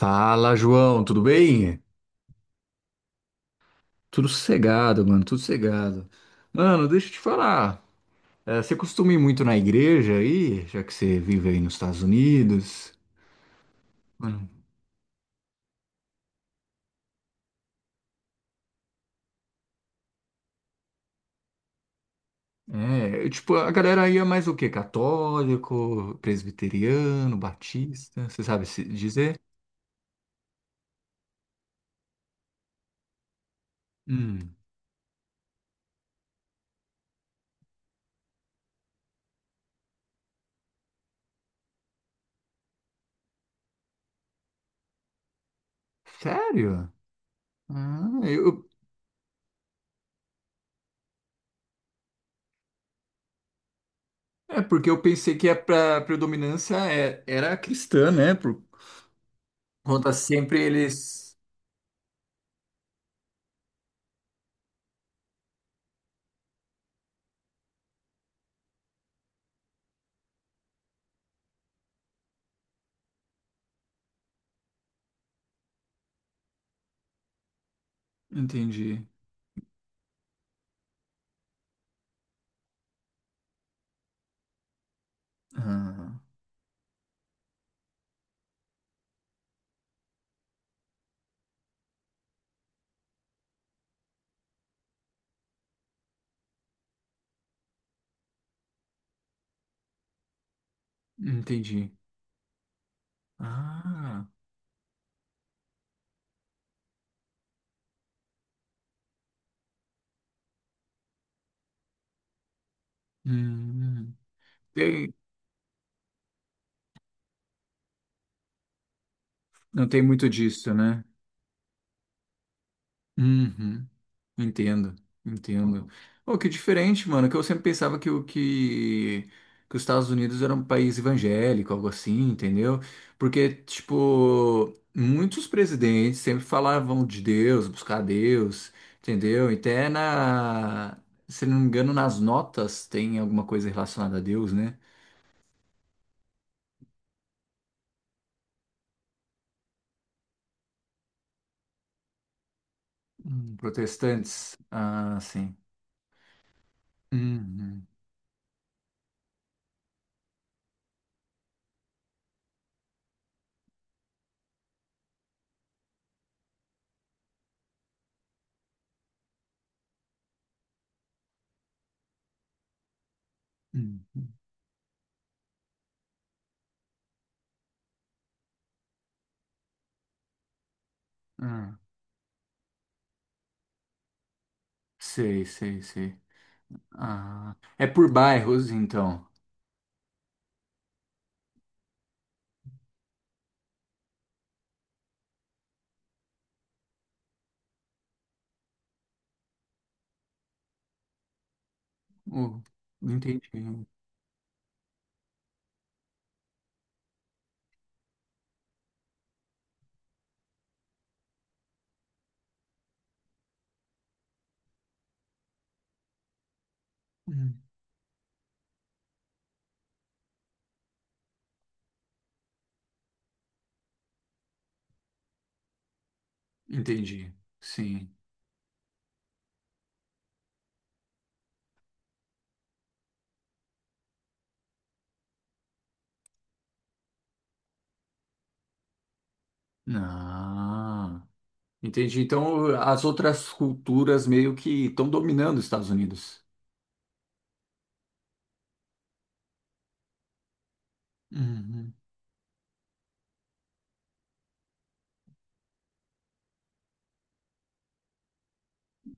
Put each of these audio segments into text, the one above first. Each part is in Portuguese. Fala, João, tudo bem? Tudo sossegado. Mano, deixa eu te falar. Você costuma ir muito na igreja aí, já que você vive aí nos Estados Unidos? Mano, é, tipo, a galera aí é mais o quê? Católico, presbiteriano, batista, você sabe se dizer? Hum, sério? Ah, eu, é porque eu pensei que a predominância era cristã, né? Por conta sempre eles. Entendi. Ah. Entendi. Ah, hum. Tem- não tem muito disso, né? Uhum. Entendo, entendo. Oh, que diferente, mano, que eu sempre pensava que os Estados Unidos era um país evangélico, algo assim, entendeu? Porque, tipo, muitos presidentes sempre falavam de Deus, buscar Deus, entendeu? E até se não me engano, nas notas tem alguma coisa relacionada a Deus, né? Protestantes. Ah, sim. Uhum, uhum. Ah, sei, sei, sei. Ah, é por bairros, então. Oh, entendi. Hum, Entendi. Sim. Ah, entendi. Então, as outras culturas meio que estão dominando os Estados Unidos. Uhum.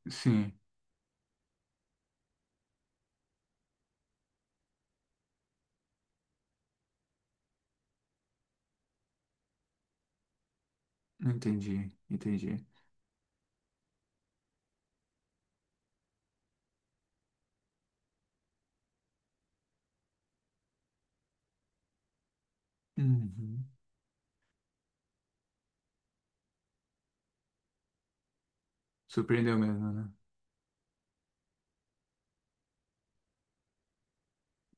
Sim, entendi, entendi. Uhum. Surpreendeu mesmo, né?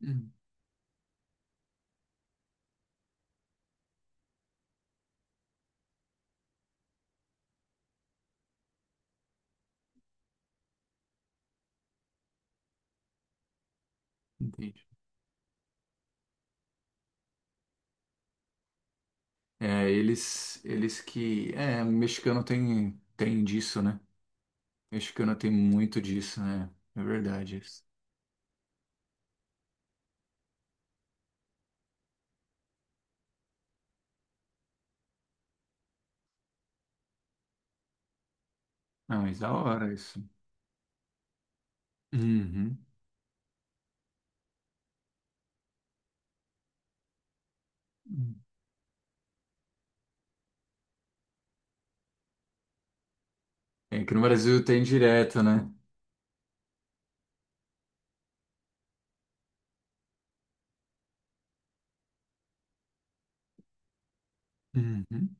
Hum, entendi. É, eles que, é, o mexicano tem disso, né? Acho que eu não tenho muito disso, né? É verdade isso. Não, mas da hora isso. Uhum. É que no Brasil tem direto, né? Uhum.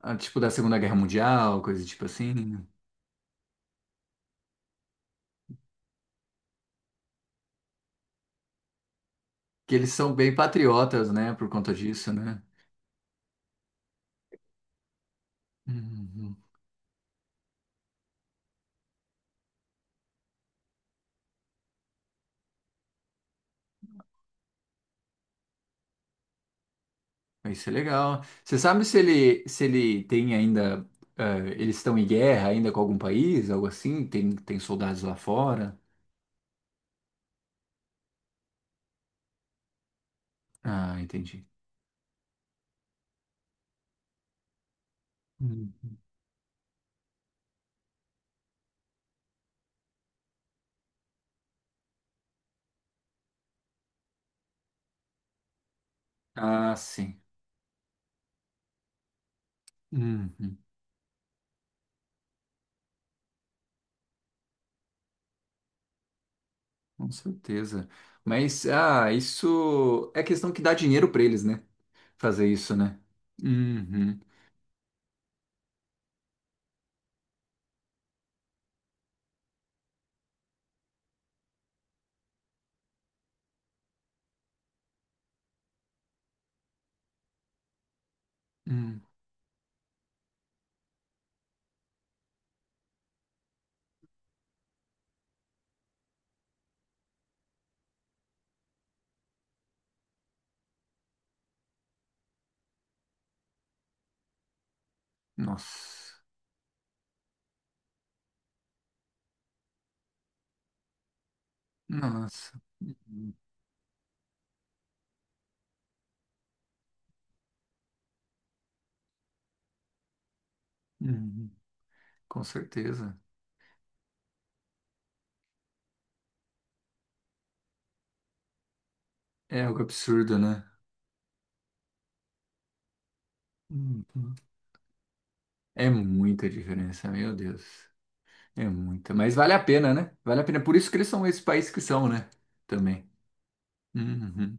Ah, tipo da Segunda Guerra Mundial, coisa tipo assim. Que eles são bem patriotas, né? Por conta disso, né? Uhum. Mas isso é legal. Você sabe se ele tem ainda. Ah, eles estão em guerra ainda com algum país, algo assim? Tem soldados lá fora? Ah, entendi. Uhum. Ah, sim. Uhum. Com certeza. Mas, ah, isso é questão que dá dinheiro pra eles, né? Fazer isso, né? Uhum. Hum. Nossa. Nossa. Uhum. Uhum. Com certeza. É algo absurdo, né? Uhum. É muita diferença, meu Deus. É muita. Mas vale a pena, né? Vale a pena. Por isso que eles são esse país que são, né? Também. Uhum.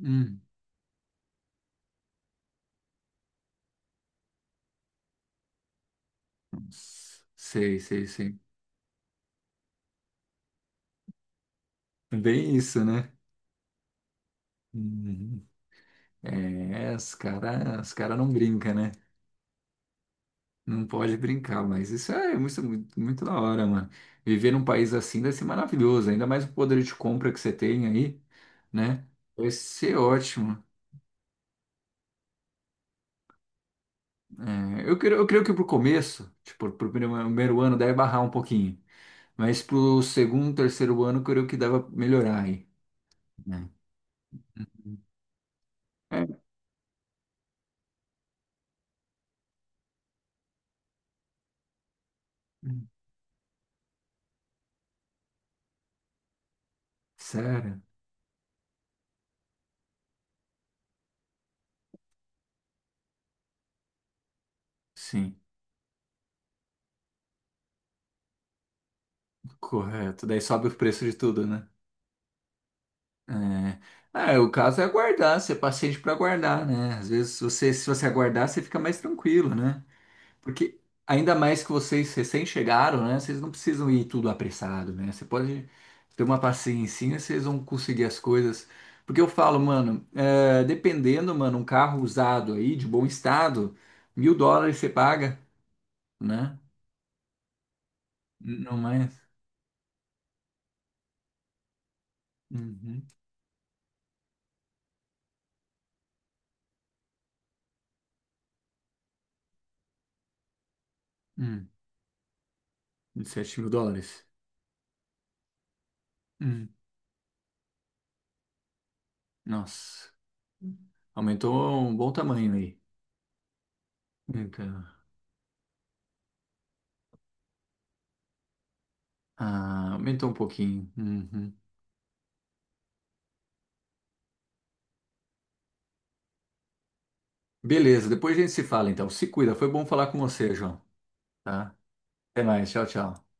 Uhum. Sei, sei, sei. Bem isso, né? Uhum. É, os cara não brinca, né? Não pode brincar, mas isso é muito, muito, muito da hora, mano. Viver num país assim deve ser maravilhoso, ainda mais o poder de compra que você tem aí, né? Vai ser ótimo. É, eu creio que pro começo, tipo, pro primeiro ano deve barrar um pouquinho, mas pro segundo, terceiro ano, eu creio que dava melhorar aí, né? É, sério? Sim, correto. Daí sobe o preço de tudo, né? É. Ah, o caso é aguardar, ser paciente para aguardar, né? Se você aguardar, você fica mais tranquilo, né? Porque ainda mais que vocês recém chegaram, né? Vocês não precisam ir tudo apressado, né? Você pode ter uma paciência, vocês vão conseguir as coisas. Porque eu falo, mano, é, dependendo, mano, um carro usado aí, de bom estado, $1.000 você paga, né? Não mais. Uhum. Hum. 27 mil dólares. Hum. Nossa, aumentou um bom tamanho aí. Então, ah, aumentou um pouquinho. Uhum. Beleza, depois a gente se fala então. Se cuida, foi bom falar com você, João. Tá? Até mais, tchau, tchau.